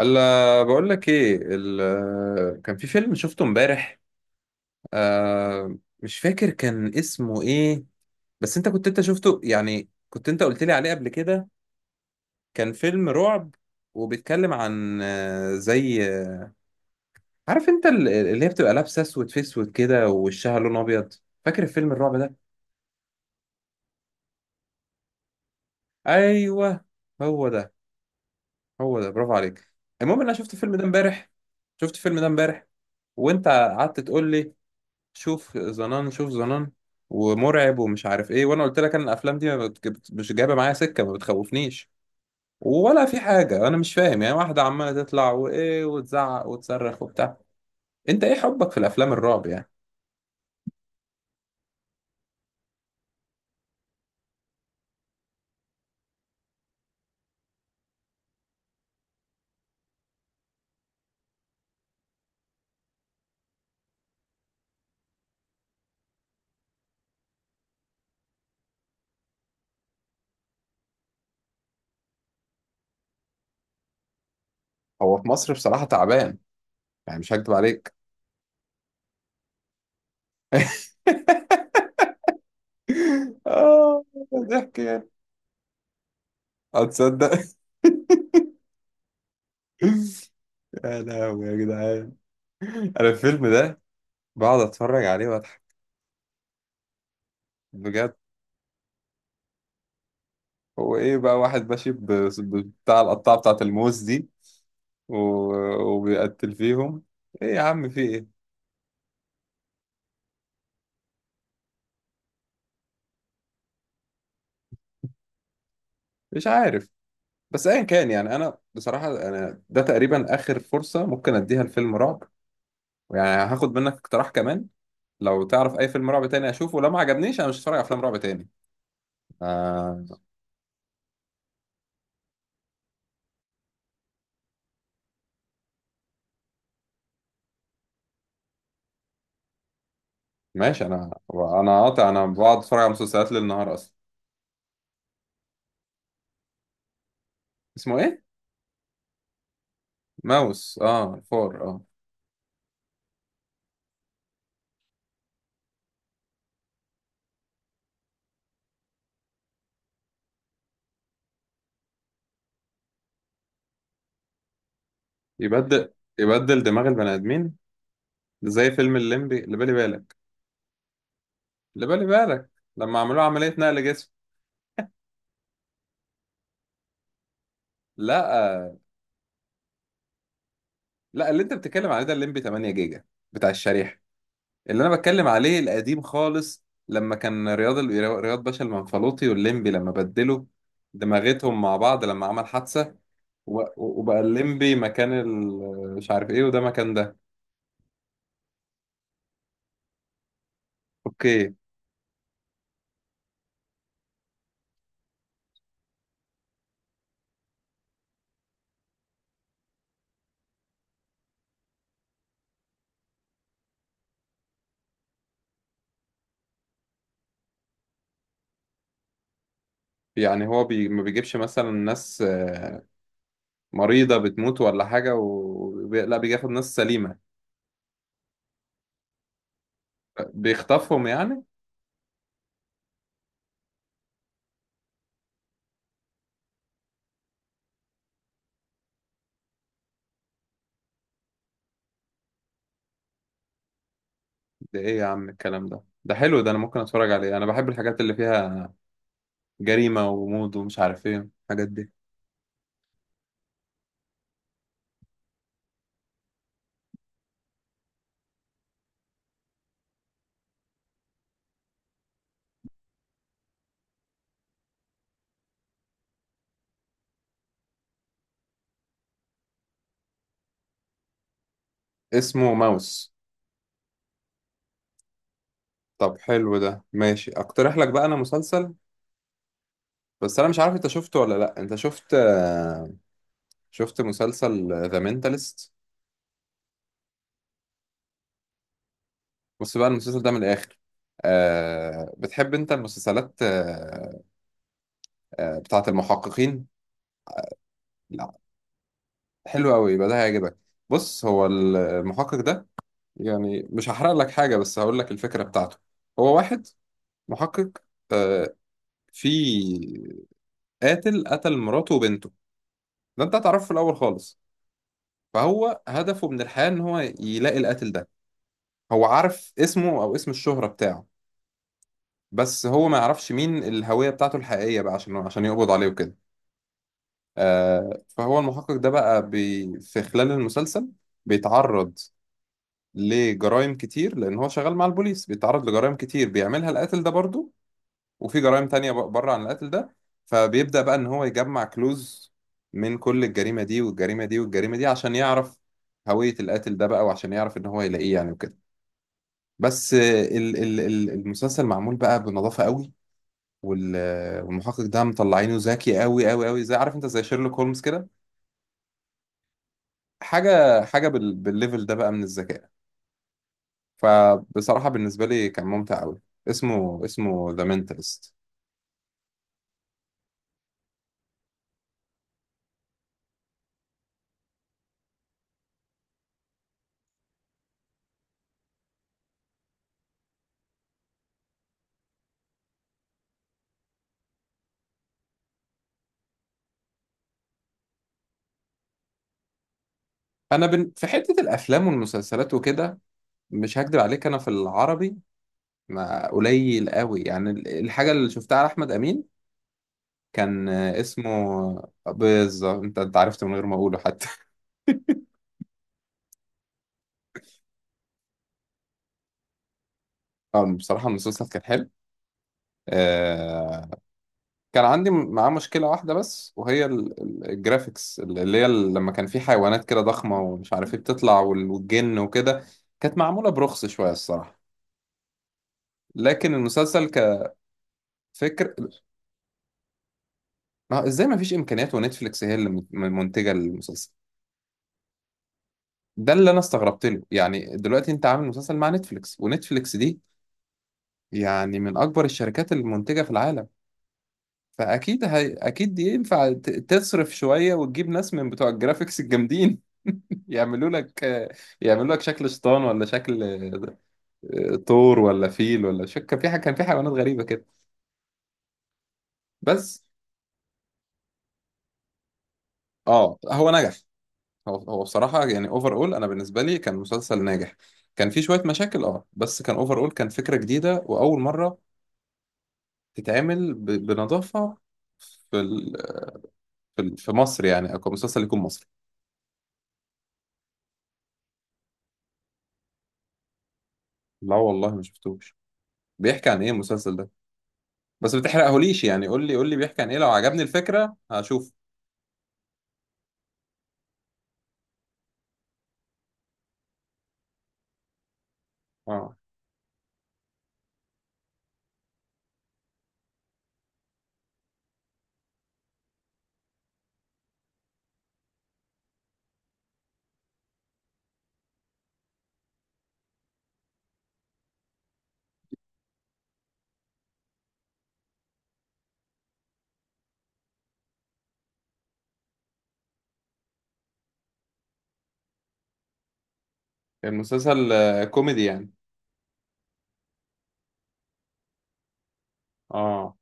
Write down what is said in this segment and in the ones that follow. الا بقول لك ايه كان في فيلم شفته امبارح. مش فاكر كان اسمه ايه. بس انت انت شفته، يعني كنت انت قلت لي عليه قبل كده. كان فيلم رعب وبيتكلم عن آه، زي آه، عارف انت اللي هي بتبقى لابسه اسود في اسود كده ووشها لون ابيض. فاكر الفيلم الرعب ده؟ ايوه، هو ده. برافو عليك. المهم ان انا شفت الفيلم ده امبارح. شفت الفيلم ده امبارح، وانت قعدت تقول لي شوف زنان، شوف زنان، ومرعب ومش عارف ايه. وانا قلت لك انا الافلام دي ما بت- بت- مش جايبه معايا سكه، ما بتخوفنيش ولا في حاجه. انا مش فاهم، يعني واحده عماله تطلع وايه وتزعق وتصرخ وبتاع. انت ايه حبك في الافلام الرعب يعني؟ هو في مصر بصراحه تعبان، يعني مش هكدب عليك. اه، ضحك يعني. هتصدق؟ يا لهوي يا جدعان، انا الفيلم ده بقعد اتفرج عليه واضحك، بجد. هو ايه بقى واحد ماشي بتاع القطاعه بتاعت الموز دي و... وبيقتل فيهم. ايه يا عم في ايه؟ مش عارف. بس ايا كان، يعني انا بصراحة انا ده تقريبا اخر فرصة ممكن اديها لفيلم رعب. يعني هاخد منك اقتراح كمان، لو تعرف اي فيلم رعب تاني اشوفه. لو ما عجبنيش انا مش هتفرج على افلام رعب تاني. آه، ماشي. انا قاطع انا بقعد اتفرج على مسلسلات ليل نهار اصلا. اسمه ايه؟ ماوس، اه الفار، اه. يبدل يبدل دماغ البني ادمين؟ زي فيلم الليمبي اللي بالي بالك، اللي بالي بالك، لما عملوه عملية نقل جسم. لا، اللي انت بتتكلم عليه ده الليمبي 8 جيجا بتاع الشريحه. اللي انا بتكلم عليه القديم خالص، لما كان رياض باشا المنفلوطي والليمبي لما بدلوا دماغتهم مع بعض لما عمل حادثه، و- وبقى الليمبي مكان مش عارف ايه وده مكان ده. اوكي. يعني هو ما بيجيبش مثلا ناس مريضه بتموت ولا حاجه لا بياخد ناس سليمه؟ بيخطفهم يعني. ده ايه يا عم الكلام ده؟ ده حلو ده، انا ممكن اتفرج عليه. انا بحب الحاجات اللي فيها جريمة وغموض ومش عارف ايه الحاجات دي. اسمه ماوس؟ طب حلو ده، ماشي. اقترح لك بقى انا مسلسل، بس انا مش عارف انت شفته ولا لا. انت شفت شفت مسلسل ذا مينتالست؟ بص بقى المسلسل ده من الاخر. أه بتحب انت المسلسلات؟ أه، بتاعة المحققين. لا، حلو قوي، يبقى ده هيعجبك. بص، هو المحقق ده، يعني مش هحرق لك حاجة بس هقول لك الفكرة بتاعته. هو واحد محقق، آه، في قاتل قتل مراته وبنته. ده انت هتعرفه في الاول خالص. فهو هدفه من الحياه ان هو يلاقي القاتل ده. هو عارف اسمه او اسم الشهره بتاعه، بس هو ما يعرفش مين الهويه بتاعته الحقيقيه بقى، عشان يقبض عليه وكده. آه، فهو المحقق ده بقى في خلال المسلسل بيتعرض لجرائم كتير، لان هو شغال مع البوليس، بيتعرض لجرائم كتير بيعملها القاتل ده برضه، وفي جرائم تانية بره عن القتل ده. فبيبدأ بقى إن هو يجمع كلوز من كل الجريمة دي والجريمة دي والجريمة دي، عشان يعرف هوية القاتل ده بقى، وعشان يعرف إن هو يلاقيه يعني وكده. بس المسلسل معمول بقى بنظافة قوي. وال- آه، والمحقق ده مطلعينه ذكي قوي قوي قوي، زي عارف انت زي شيرلوك هولمز كده. حاجة بالليفل ده بقى من الذكاء. فبصراحة بالنسبة لي كان ممتع قوي. اسمه ذا منتالست. في حتة الافلام والمسلسلات وكده، مش هكدب عليك انا في العربي ما قليل قوي يعني الحاجه اللي شفتها على احمد امين. كان اسمه بالظبط انت، عرفت من غير ما اقوله حتى. اه بصراحه المسلسل كان حلو. آه، كان عندي معاه مشكله واحده بس، وهي الجرافيكس اللي هي ال- لما كان في حيوانات كده ضخمه ومش عارف ايه بتطلع والجن وكده. كانت معموله برخص شويه الصراحه، لكن المسلسل كفكر. ما هو ازاي ما فيش امكانيات ونتفليكس هي اللي منتجه المسلسل؟ ده اللي انا استغربت له يعني. دلوقتي انت عامل مسلسل مع نتفليكس، ونتفليكس دي يعني من اكبر الشركات المنتجة في العالم، اكيد دي ينفع تصرف شوية وتجيب ناس من بتوع الجرافيكس الجامدين. يعملوا لك يعملوا لك شكل شيطان، ولا شكل طور، ولا فيل، ولا كان في حاجة، كان في حيوانات غريبة كده. بس اه هو نجح. هو بصراحة يعني اوفر اول، انا بالنسبة لي كان مسلسل ناجح. كان في شوية مشاكل اه، بس كان اوفر اول، كان فكرة جديدة واول مرة تتعمل بنظافة في ال... في في مصر يعني، أو مسلسل يكون مصري. لا والله ما شفتوش. بيحكي عن إيه المسلسل ده؟ بس ما تحرقهوليش، يعني قول لي، بيحكي عن إيه، لو عجبني الفكرة هشوف. اه، المسلسل كوميدي يعني؟ اه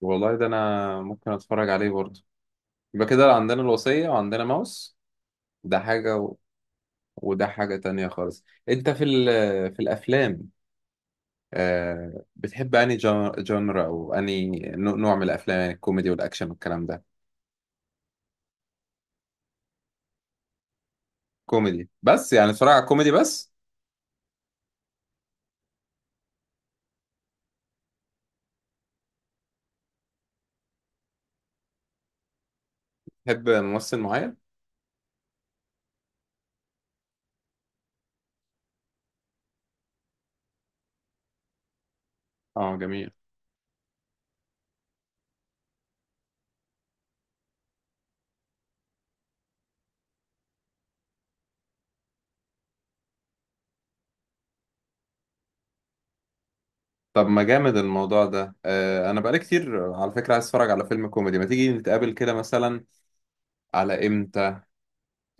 والله، ده أنا ممكن أتفرج عليه برضه. يبقى كده عندنا الوصية وعندنا ماوس، ده حاجة وده حاجة تانية خالص. أنت في في الأفلام آه، بتحب أنهي جانرا، أو أنهي نوع من الأفلام، يعني الكوميدي والأكشن والكلام ده؟ كوميدي بس، يعني اتفرج على كوميدي بس؟ تحب ممثل معين؟ اه جميل. طب ما جامد الموضوع ده. آه انا بقالي كتير على فكرة عايز اتفرج على فيلم كوميدي. ما تيجي نتقابل كده مثلا؟ على امتى؟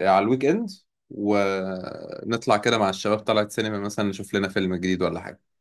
على الويك اند، ونطلع كده مع الشباب، طلعت سينما مثلا نشوف لنا فيلم جديد ولا حاجة.